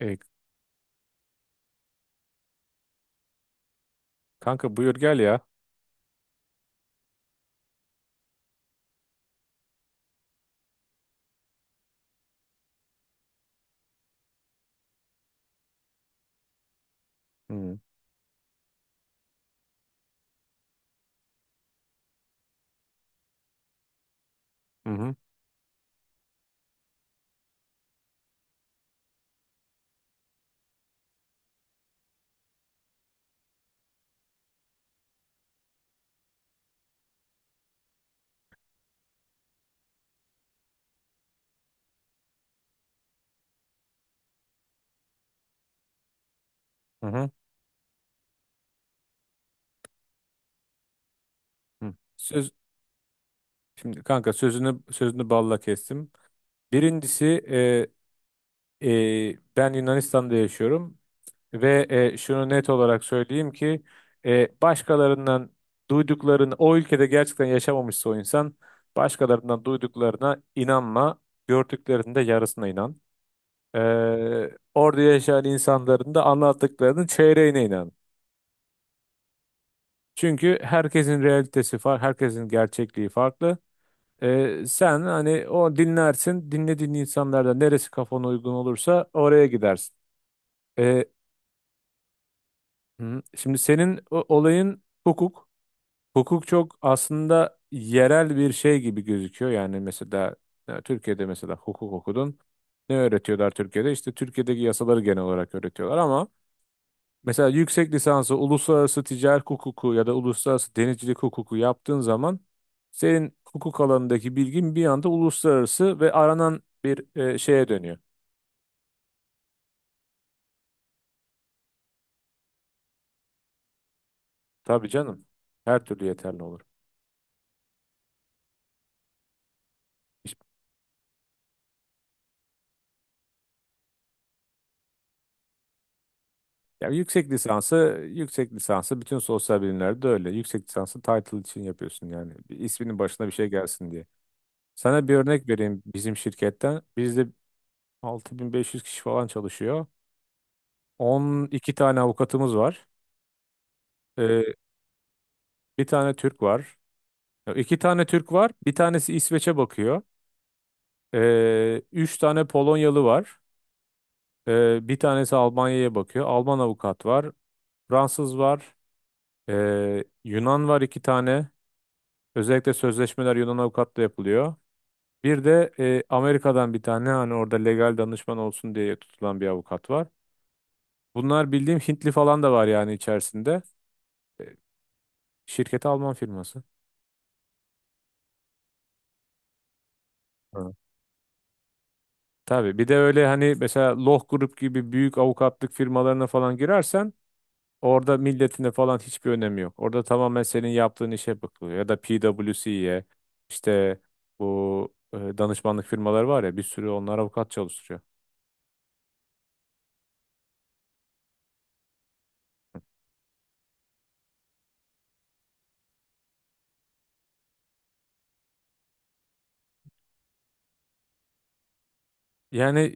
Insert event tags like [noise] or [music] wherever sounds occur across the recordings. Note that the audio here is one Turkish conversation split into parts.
E, kanka buyur gel ya. Hı hı hı hı. Hı. Hı. Şimdi kanka sözünü balla kestim. Birincisi, e, ben Yunanistan'da yaşıyorum ve şunu net olarak söyleyeyim ki başkalarından duyduklarını o ülkede gerçekten yaşamamışsa o insan, başkalarından duyduklarına inanma, gördüklerinde yarısına inan. E, orada yaşayan insanların da anlattıklarının çeyreğine inan. Çünkü herkesin realitesi farklı, herkesin gerçekliği farklı. Sen hani o dinlersin, dinlediğin insanlarda neresi kafana uygun olursa oraya gidersin. Ee, hı, şimdi senin olayın hukuk. Hukuk çok aslında yerel bir şey gibi gözüküyor. Yani mesela ya Türkiye'de mesela hukuk okudun. Ne öğretiyorlar Türkiye'de? İşte Türkiye'deki yasaları genel olarak öğretiyorlar ama mesela yüksek lisansı uluslararası ticaret hukuku ya da uluslararası denizcilik hukuku yaptığın zaman senin hukuk alanındaki bilgin bir anda uluslararası ve aranan bir şeye dönüyor. Tabii canım. Her türlü yeterli olur. İşte- Ya yüksek lisansı bütün sosyal bilimlerde öyle. Yüksek lisansı title için yapıyorsun yani. Bir isminin başına bir şey gelsin diye. Sana bir örnek vereyim bizim şirketten. Bizde 6.500 kişi falan çalışıyor. 12 tane avukatımız var. Ee, bir tane Türk var. Ya İki tane Türk var. Bir tanesi İsveç'e bakıyor. Üç tane Polonyalı var. Bir tanesi Almanya'ya bakıyor. Alman avukat var. Fransız var. Yunan var iki tane. Özellikle sözleşmeler Yunan avukatla yapılıyor. Bir de Amerika'dan bir tane hani orada legal danışman olsun diye tutulan bir avukat var. Bunlar bildiğim Hintli falan da var yani içerisinde. Şirketi Alman firması. Ha. Tabii bir de öyle hani mesela Loh Grup gibi büyük avukatlık firmalarına falan girersen, orada milletine falan hiçbir önemi yok. Orada tamamen senin yaptığın işe bakılıyor. Ya da PwC'ye işte bu danışmanlık firmaları var ya bir sürü onlar avukat çalıştırıyor. Yani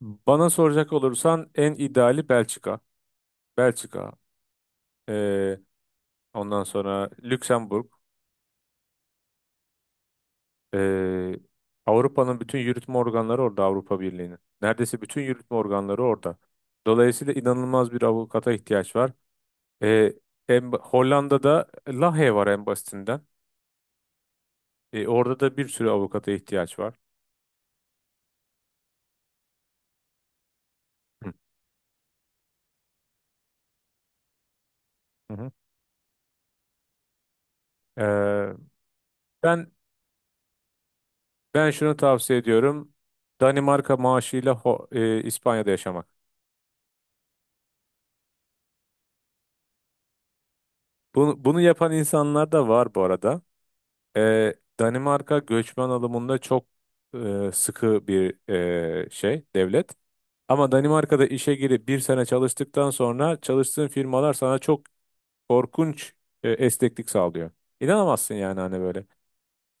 bana soracak olursan en ideali Belçika. Belçika. e, ondan sonra Lüksemburg. e, Avrupa'nın bütün yürütme organları orada Avrupa Birliği'nin. Neredeyse bütün yürütme organları orada. Dolayısıyla inanılmaz bir avukata ihtiyaç var. E, Hollanda'da Lahey var en basitinden. Orada da bir sürü avukata ihtiyaç var. Hı hı. Hı. Ee, ben ben şunu tavsiye ediyorum. Danimarka maaşıyla İspanya'da yaşamak. Bunu yapan insanlar da var bu arada. Ee, Danimarka göçmen alımında çok sıkı bir devlet. Ama Danimarka'da işe girip bir sene çalıştıktan sonra çalıştığın firmalar sana çok korkunç esneklik sağlıyor. İnanamazsın yani hani böyle.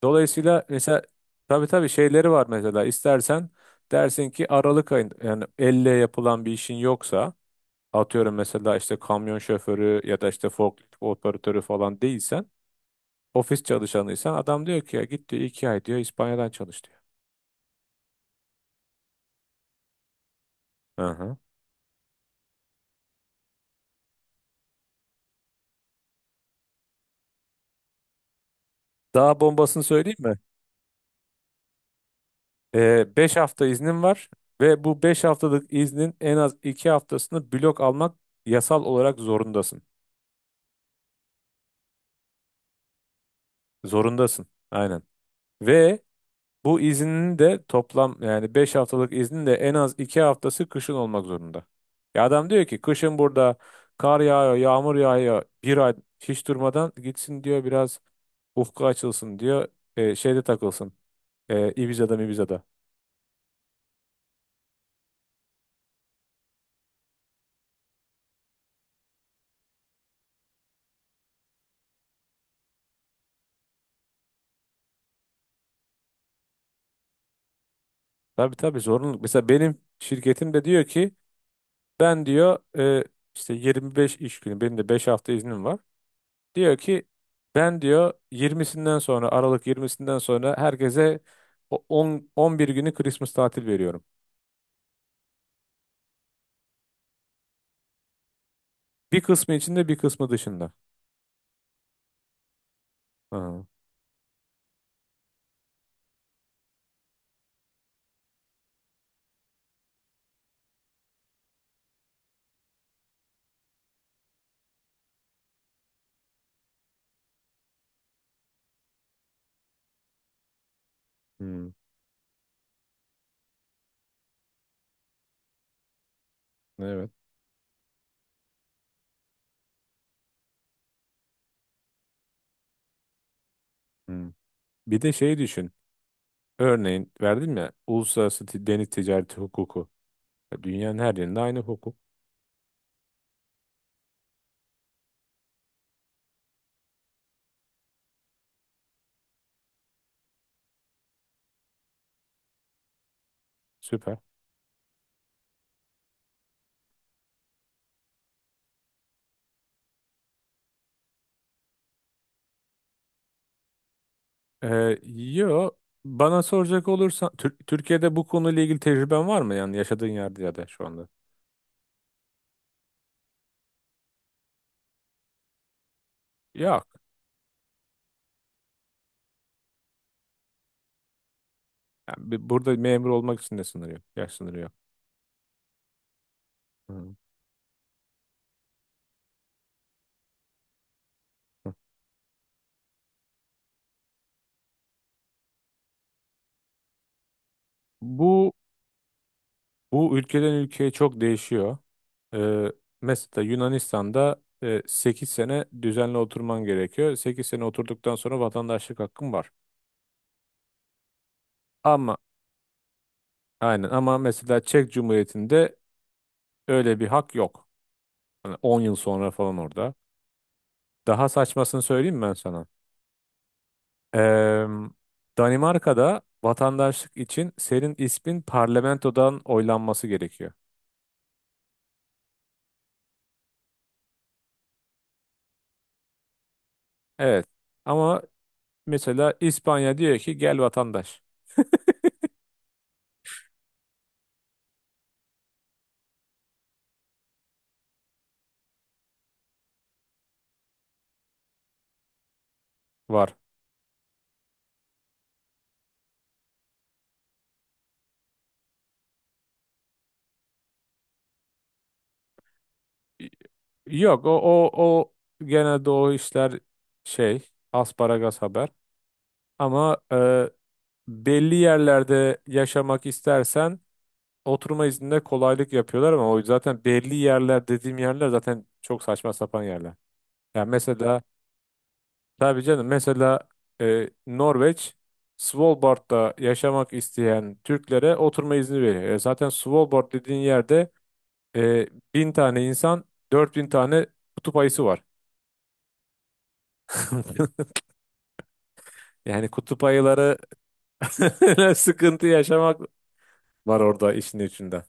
Dolayısıyla mesela tabii tabii şeyleri var mesela istersen dersin ki Aralık ayında yani elle yapılan bir işin yoksa atıyorum mesela işte kamyon şoförü ya da işte forklift operatörü falan değilsen ofis çalışanıysan adam diyor ki ya git diyor 2 ay diyor İspanya'dan çalış diyor. Hı hı. Daha bombasını söyleyeyim mi? 5 hafta iznim var ve bu 5 haftalık iznin en az 2 haftasını blok almak yasal olarak zorundasın. Zorundasın. Aynen. Ve bu iznin de toplam yani 5 haftalık iznin de en az 2 haftası kışın olmak zorunda. Ya adam diyor ki kışın burada kar yağıyor, yağmur yağıyor. Bir ay hiç durmadan gitsin diyor biraz ufku açılsın diyor. Şeyde takılsın. Ibiza'da Mibiza'da. Tabii tabii zorunluluk. Mesela benim şirketim de diyor ki ben diyor işte 25 iş günü benim de 5 hafta iznim var. Diyor ki ben diyor 20'sinden sonra Aralık 20'sinden sonra herkese 10 11 günü Christmas tatil veriyorum. Bir kısmı içinde bir kısmı dışında. Aha. Hmm, evet. Hmm. Bir de şey düşün. Örneğin verdim ya uluslararası deniz ticareti hukuku. Ya Dünyanın her yerinde aynı hukuk. Süper. Yo bana soracak olursan Türkiye'de bu konuyla ilgili tecrüben var mı yani yaşadığın yerde ya da şu anda? Yok. Yani burada memur olmak için de sınır yok. Yaş sınırı yok. Hmm. Bu bu ülkeden ülkeye çok değişiyor. Ee, mesela Yunanistan'da 8 sene düzenli oturman gerekiyor. 8 sene oturduktan sonra vatandaşlık hakkın var. Ama aynen ama mesela Çek Cumhuriyeti'nde öyle bir hak yok. Hani 10 yıl sonra falan orada. Daha saçmasını söyleyeyim mi ben sana. Ee, Danimarka'da vatandaşlık için senin ismin parlamentodan oylanması gerekiyor. Evet. Ama mesela İspanya diyor ki gel vatandaş var. Yok, o genelde o işler şey asparagas haber. Ama belli yerlerde yaşamak istersen oturma izninde kolaylık yapıyorlar ama o zaten belli yerler dediğim yerler zaten çok saçma sapan yerler. Yani mesela tabii canım mesela Norveç Svalbard'da yaşamak isteyen Türklere oturma izni veriyor. Zaten Svalbard dediğin yerde e, 1.000 tane insan 4.000 tane kutup ayısı var. [laughs] Yani kutup ayıları [laughs] sıkıntı yaşamak var orada işin içinde.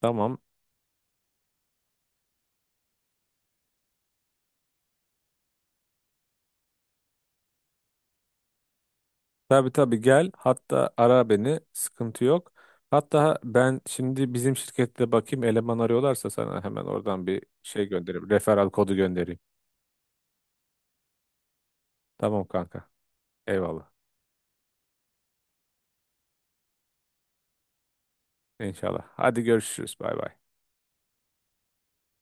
Tamam. Tabii tabii gel. Hatta ara beni. Sıkıntı yok. Hatta ben şimdi bizim şirkette bakayım eleman arıyorlarsa sana hemen oradan bir şey göndereyim. Referral kodu göndereyim. Tamam kanka. Eyvallah. İnşallah. Hadi görüşürüz. Bay bay.